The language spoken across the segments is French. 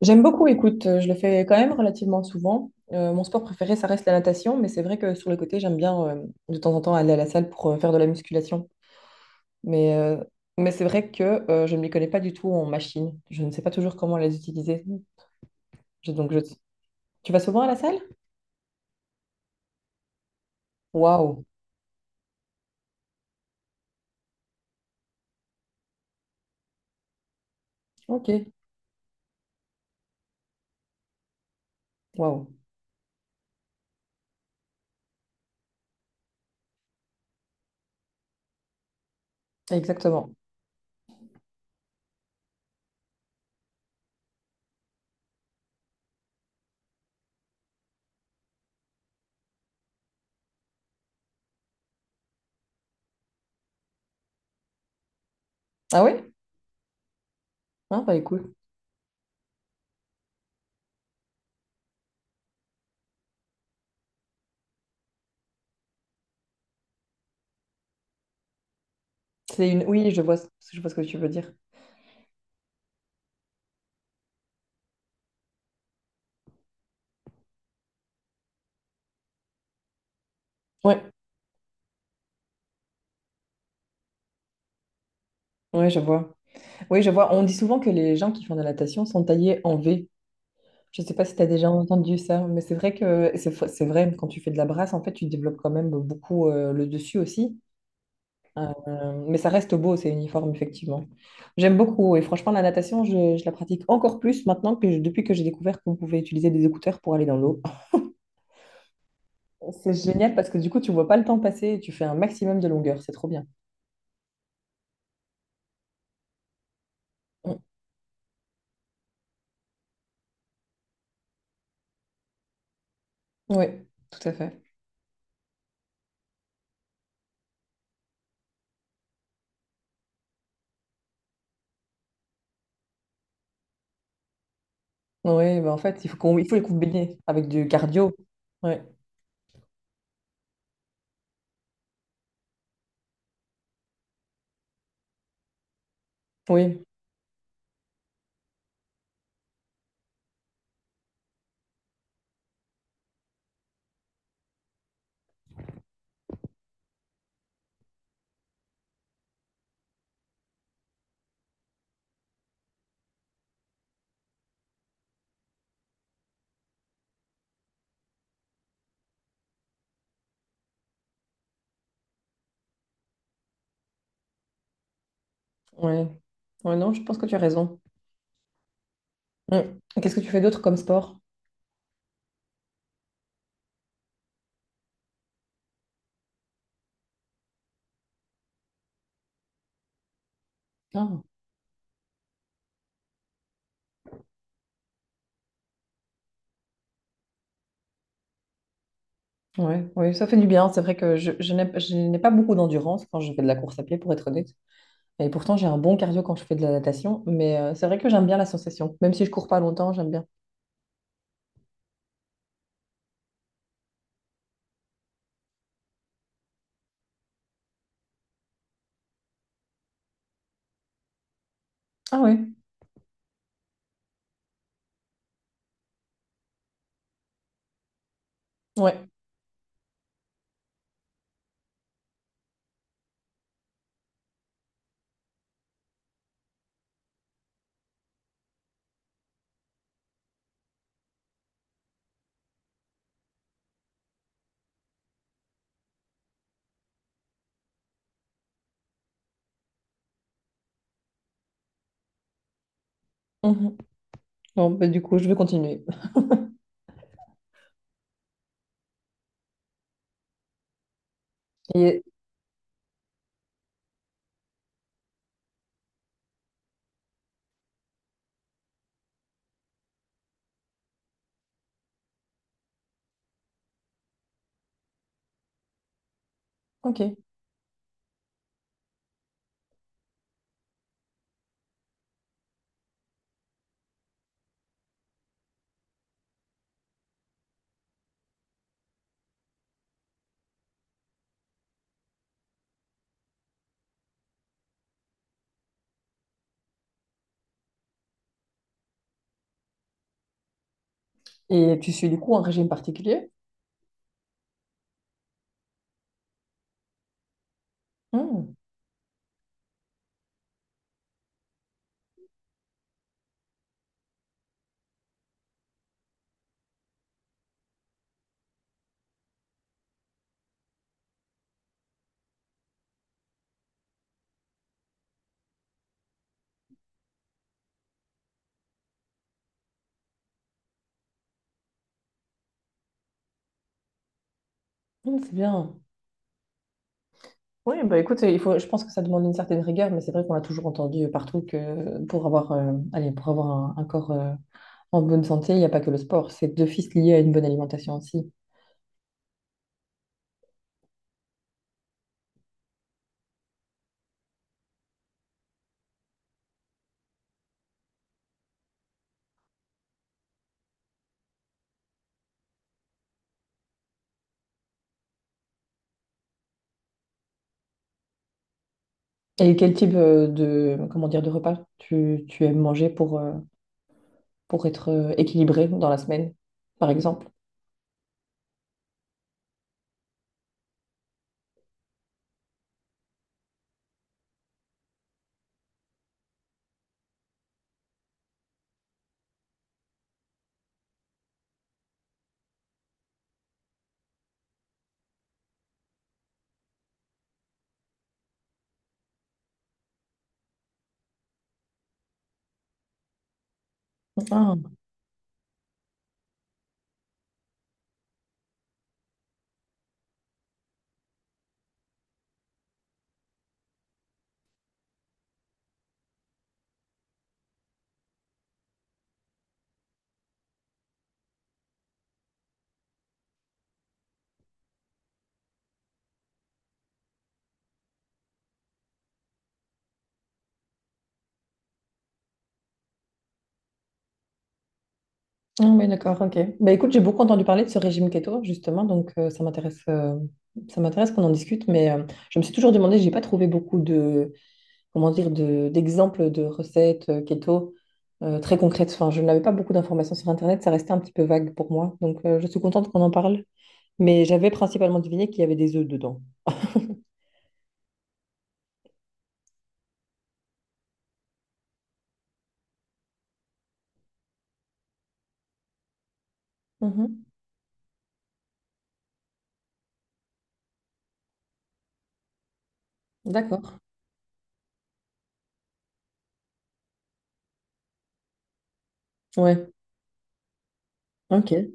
J'aime beaucoup, écoute, je le fais quand même relativement souvent. Mon sport préféré, ça reste la natation, mais c'est vrai que sur le côté, j'aime bien de temps en temps aller à la salle pour faire de la musculation. Mais, euh, mais c'est vrai que je ne m'y connais pas du tout en machine. Je ne sais pas toujours comment les utiliser. Je- donc, je- Tu vas souvent à la salle? Waouh, ok, waouh, exactement. Ah ouais? Ah bah écoute, c'est une... Oui, je vois, je vois ce que tu veux dire. Ouais, ouais, je vois. Oui, je vois. On dit souvent que les gens qui font de la natation sont taillés en V. Je sais pas si tu as déjà entendu ça, mais c'est vrai que c'est vrai, quand tu fais de la brasse, en fait, tu développes quand même beaucoup le dessus aussi. Mais ça reste beau, c'est uniforme, effectivement. J'aime beaucoup. Et franchement, la natation, je la pratique encore plus maintenant depuis que j'ai découvert qu'on pouvait utiliser des écouteurs pour aller dans l'eau. C'est génial parce que du coup, tu vois pas le temps passer et tu fais un maximum de longueur. C'est trop bien. Mm. Oui, tout à fait. Oui, bah en fait, il faut les combiner avec du cardio. Ouais. Oui, oui. Ouais, non, je pense que tu as raison. Mm. Et qu'est-ce que tu fais d'autre comme sport? Ah. Ouais, ouais, ça fait du bien. C'est vrai que je n'ai pas beaucoup d'endurance quand je fais de la course à pied, pour être honnête. Et pourtant, j'ai un bon cardio quand je fais de la natation. Mais c'est vrai que j'aime bien la sensation. Même si je cours pas longtemps, j'aime bien. Ah ouais, ouais. Mhm. Bon, bah, du coup, je vais continuer. Et, ok. Et tu suis du coup un régime particulier? Hmm. Hmm, c'est bien. Oui, bah écoute, il faut, je pense que ça demande une certaine rigueur, mais c'est vrai qu'on a toujours entendu partout que pour avoir, allez, pour avoir un corps en bonne santé, il n'y a pas que le sport, c'est deux fils liés à une bonne alimentation aussi. Et quel type comment dire, de repas tu aimes manger pour être équilibré dans la semaine, par exemple? Ah, ah oui, d'accord, ok. Bah, écoute, j'ai beaucoup entendu parler de ce régime keto, justement, donc ça m'intéresse qu'on en discute, mais je me suis toujours demandé, j'ai pas trouvé beaucoup de. Comment dire, d'exemples de recettes keto très concrètes. Enfin, je n'avais pas beaucoup d'informations sur Internet, ça restait un petit peu vague pour moi. Donc, je suis contente qu'on en parle. Mais j'avais principalement deviné qu'il y avait des œufs dedans. Mhm. D'accord. Ouais. Ok.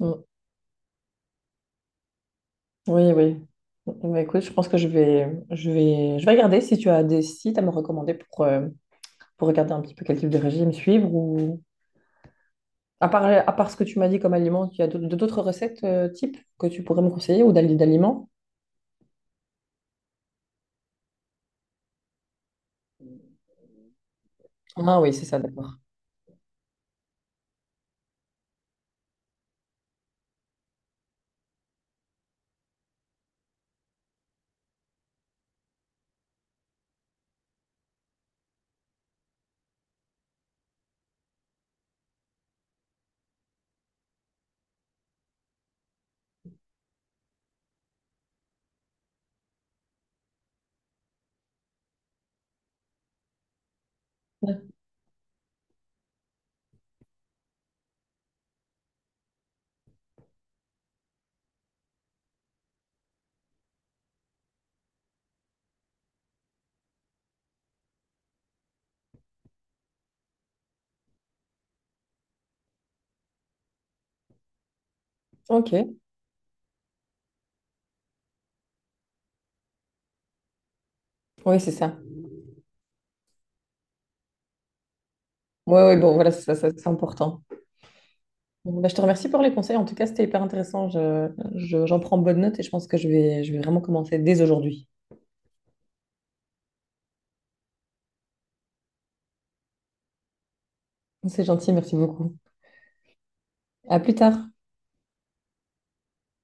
Mm. Oui, oui. Mm, bah, écoute, je pense que je vais regarder si tu as des sites à me recommander pour regarder un petit peu quel type de régime suivre ou à part ce que tu m'as dit comme aliment, il y a d'autres recettes type que tu pourrais me conseiller ou d'aliments? Ah oui, c'est ça, d'accord. Ouais. Ok, oui, c'est ça. Oui, oui, bon, voilà, c'est ça, ça, c'est important. Bon, bah, je te remercie pour les conseils. En tout cas, c'était hyper intéressant. J'en prends bonne note et je pense que je vais vraiment commencer dès aujourd'hui. C'est gentil, merci beaucoup. À plus tard.